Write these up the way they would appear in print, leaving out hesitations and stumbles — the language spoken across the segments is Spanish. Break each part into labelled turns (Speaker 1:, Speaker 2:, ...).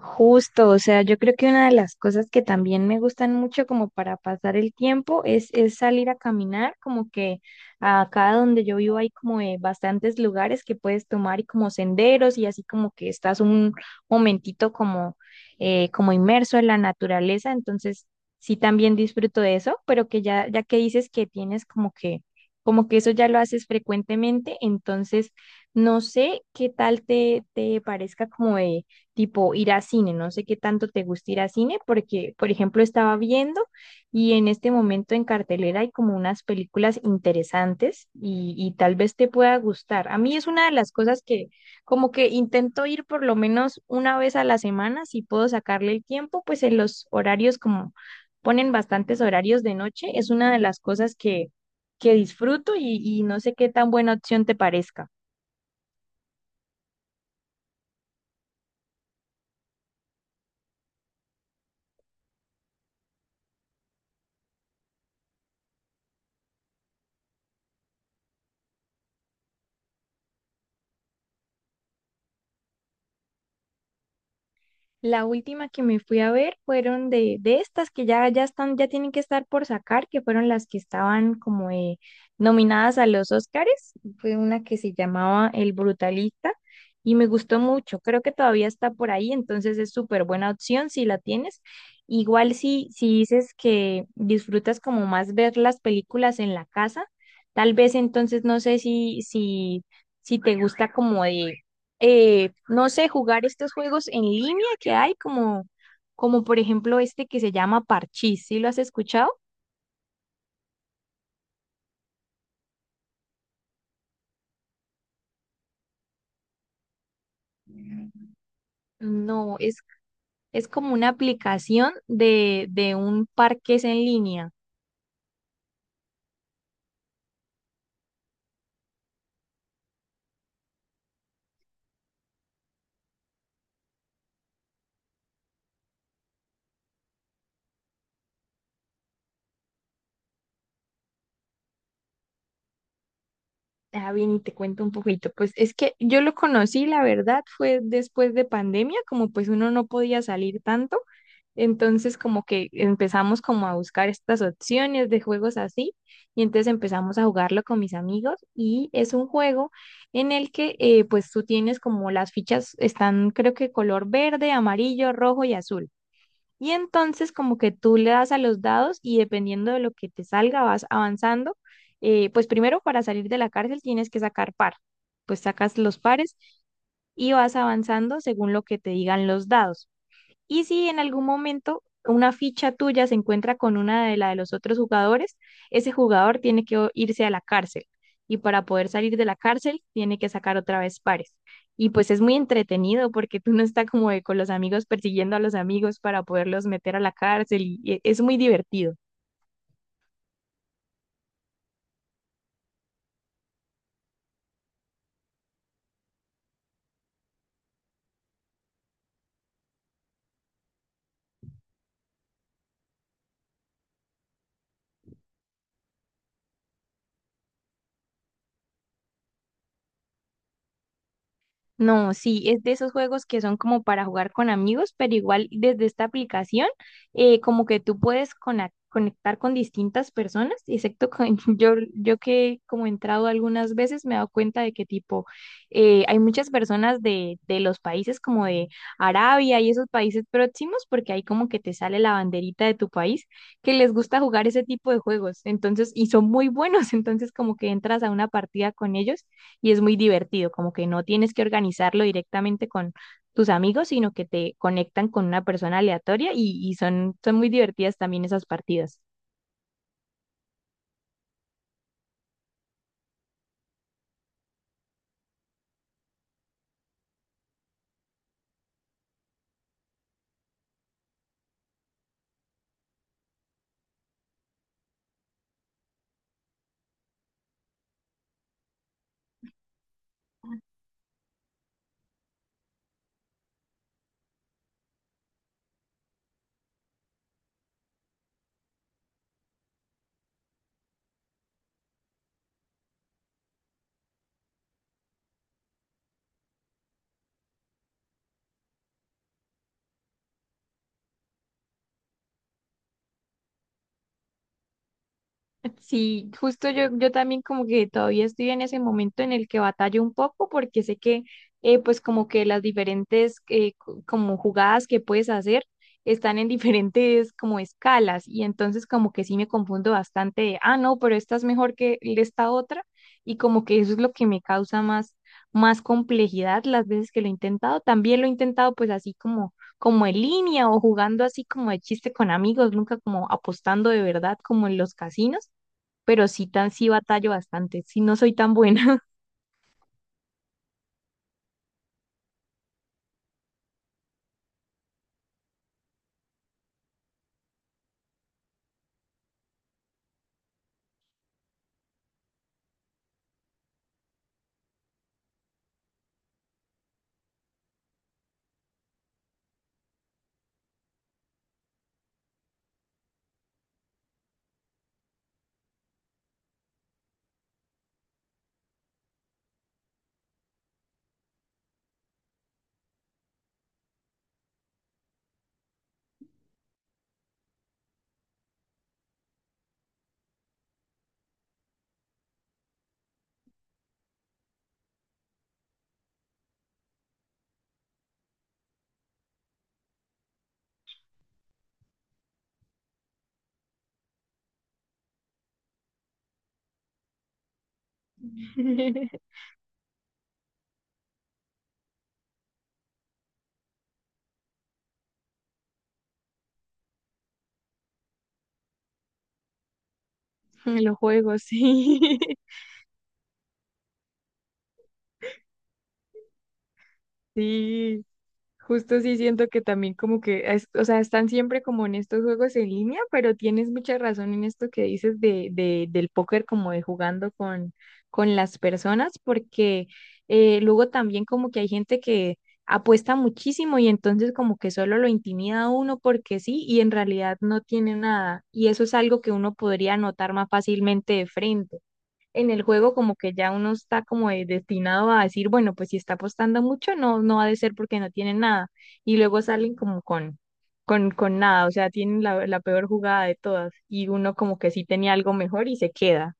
Speaker 1: Justo, o sea, yo creo que una de las cosas que también me gustan mucho como para pasar el tiempo es salir a caminar, como que acá donde yo vivo hay como bastantes lugares que puedes tomar y como senderos y así como que estás un momentito como, como inmerso en la naturaleza, entonces sí también disfruto de eso, pero que ya, ya que dices que tienes como que eso ya lo haces frecuentemente, entonces no sé qué tal te, te parezca como de tipo ir a cine. No sé qué tanto te gusta ir a cine, porque, por ejemplo, estaba viendo y en este momento en cartelera hay como unas películas interesantes y tal vez te pueda gustar. A mí es una de las cosas que como que intento ir por lo menos una vez a la semana, si puedo sacarle el tiempo, pues en los horarios como ponen bastantes horarios de noche, es una de las cosas que disfruto y no sé qué tan buena opción te parezca. La última que me fui a ver fueron de estas que ya, ya están, ya tienen que estar por sacar, que fueron las que estaban como nominadas a los Oscars. Fue una que se llamaba El Brutalista y me gustó mucho. Creo que todavía está por ahí, entonces es súper buena opción si la tienes. Igual si, si dices que disfrutas como más ver las películas en la casa, tal vez entonces no sé si, si, si te gusta como de no sé, jugar estos juegos en línea que hay, como, como por ejemplo este que se llama Parchís, ¿sí lo has escuchado? No, es como una aplicación de un parque en línea. Ah, bien, y te cuento un poquito. Pues es que yo lo conocí, la verdad, fue después de pandemia, como pues uno no podía salir tanto, entonces como que empezamos como a buscar estas opciones de juegos así, y entonces empezamos a jugarlo con mis amigos, y es un juego en el que pues tú tienes como las fichas están creo que color verde, amarillo, rojo y azul. Y entonces como que tú le das a los dados y dependiendo de lo que te salga vas avanzando. Pues primero para salir de la cárcel tienes que sacar par, pues sacas los pares y vas avanzando según lo que te digan los dados. Y si en algún momento una ficha tuya se encuentra con una de la de los otros jugadores, ese jugador tiene que irse a la cárcel. Y para poder salir de la cárcel, tiene que sacar otra vez pares. Y pues es muy entretenido porque tú no estás como de con los amigos persiguiendo a los amigos para poderlos meter a la cárcel y es muy divertido. No, sí, es de esos juegos que son como para jugar con amigos, pero igual desde esta aplicación, como que tú puedes cona conectar con distintas personas, excepto con yo que como he entrado algunas veces me he dado cuenta de que tipo, hay muchas personas de los países como de Arabia y esos países próximos, porque ahí como que te sale la banderita de tu país, que les gusta jugar ese tipo de juegos, entonces, y son muy buenos, entonces como que entras a una partida con ellos y es muy divertido, como que no tienes que organizarlo directamente con tus amigos, sino que te conectan con una persona aleatoria y son, son muy divertidas también esas partidas. Sí, justo yo, yo también como que todavía estoy en ese momento en el que batallo un poco porque sé que pues como que las diferentes como jugadas que puedes hacer están en diferentes como escalas y entonces como que sí me confundo bastante de, ah, no, pero esta es mejor que esta otra y como que eso es lo que me causa más, más complejidad las veces que lo he intentado. También lo he intentado pues así como en línea o jugando así como de chiste con amigos, nunca como apostando de verdad como en los casinos, pero sí tan sí batallo bastante, sí no soy tan buena en los juegos, sí. Sí. Justo sí siento que también como que, o sea, están siempre como en estos juegos en línea, pero tienes mucha razón en esto que dices de, del póker, como de jugando con las personas, porque luego también como que hay gente que apuesta muchísimo y entonces como que solo lo intimida a uno porque sí y en realidad no tiene nada. Y eso es algo que uno podría notar más fácilmente de frente en el juego como que ya uno está como destinado a decir, bueno, pues si está apostando mucho, no, no ha de ser porque no tiene nada. Y luego salen como con nada, o sea, tienen la, la peor jugada de todas y uno como que sí tenía algo mejor y se queda.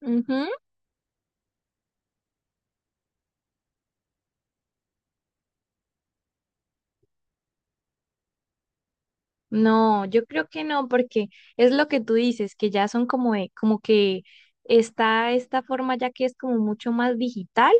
Speaker 1: Ujú. No, yo creo que no, porque es lo que tú dices, que ya son como, como que está esta forma ya que es como mucho más digital.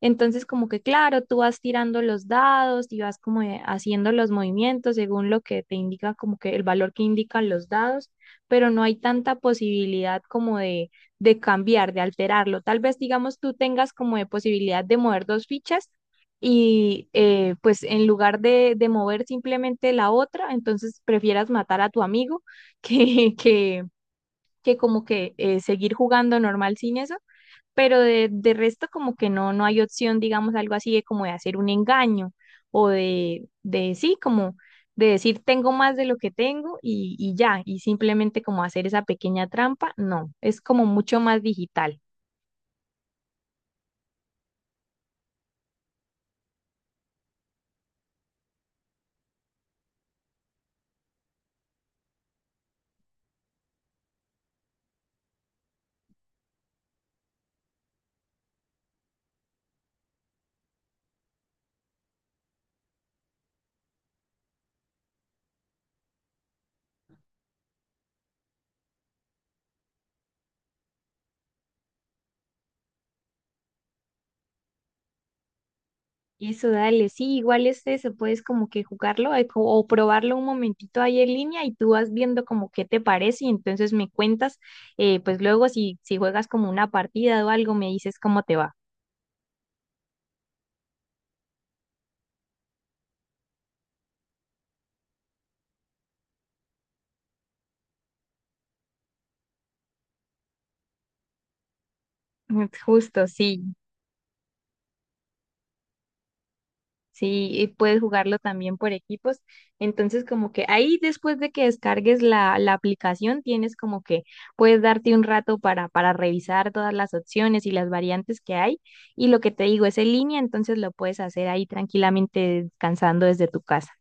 Speaker 1: Entonces, como que claro, tú vas tirando los dados y vas como haciendo los movimientos según lo que te indica, como que el valor que indican los dados, pero no hay tanta posibilidad como de cambiar, de alterarlo. Tal vez, digamos, tú tengas como de posibilidad de mover dos fichas y pues en lugar de mover simplemente la otra, entonces prefieras matar a tu amigo que, que como que seguir jugando normal sin eso, pero de resto como que no, no hay opción, digamos, algo así de como de hacer un engaño o de sí, como de decir tengo más de lo que tengo y ya, y simplemente como hacer esa pequeña trampa, no, es como mucho más digital. Eso, dale, sí, igual este se puedes como que jugarlo o probarlo un momentito ahí en línea y tú vas viendo como qué te parece y entonces me cuentas, pues luego si, si juegas como una partida o algo, me dices cómo te va. Justo, sí. Sí, y puedes jugarlo también por equipos. Entonces, como que ahí después de que descargues la, la aplicación, tienes como que puedes darte un rato para revisar todas las opciones y las variantes que hay. Y lo que te digo es en línea, entonces lo puedes hacer ahí tranquilamente descansando desde tu casa.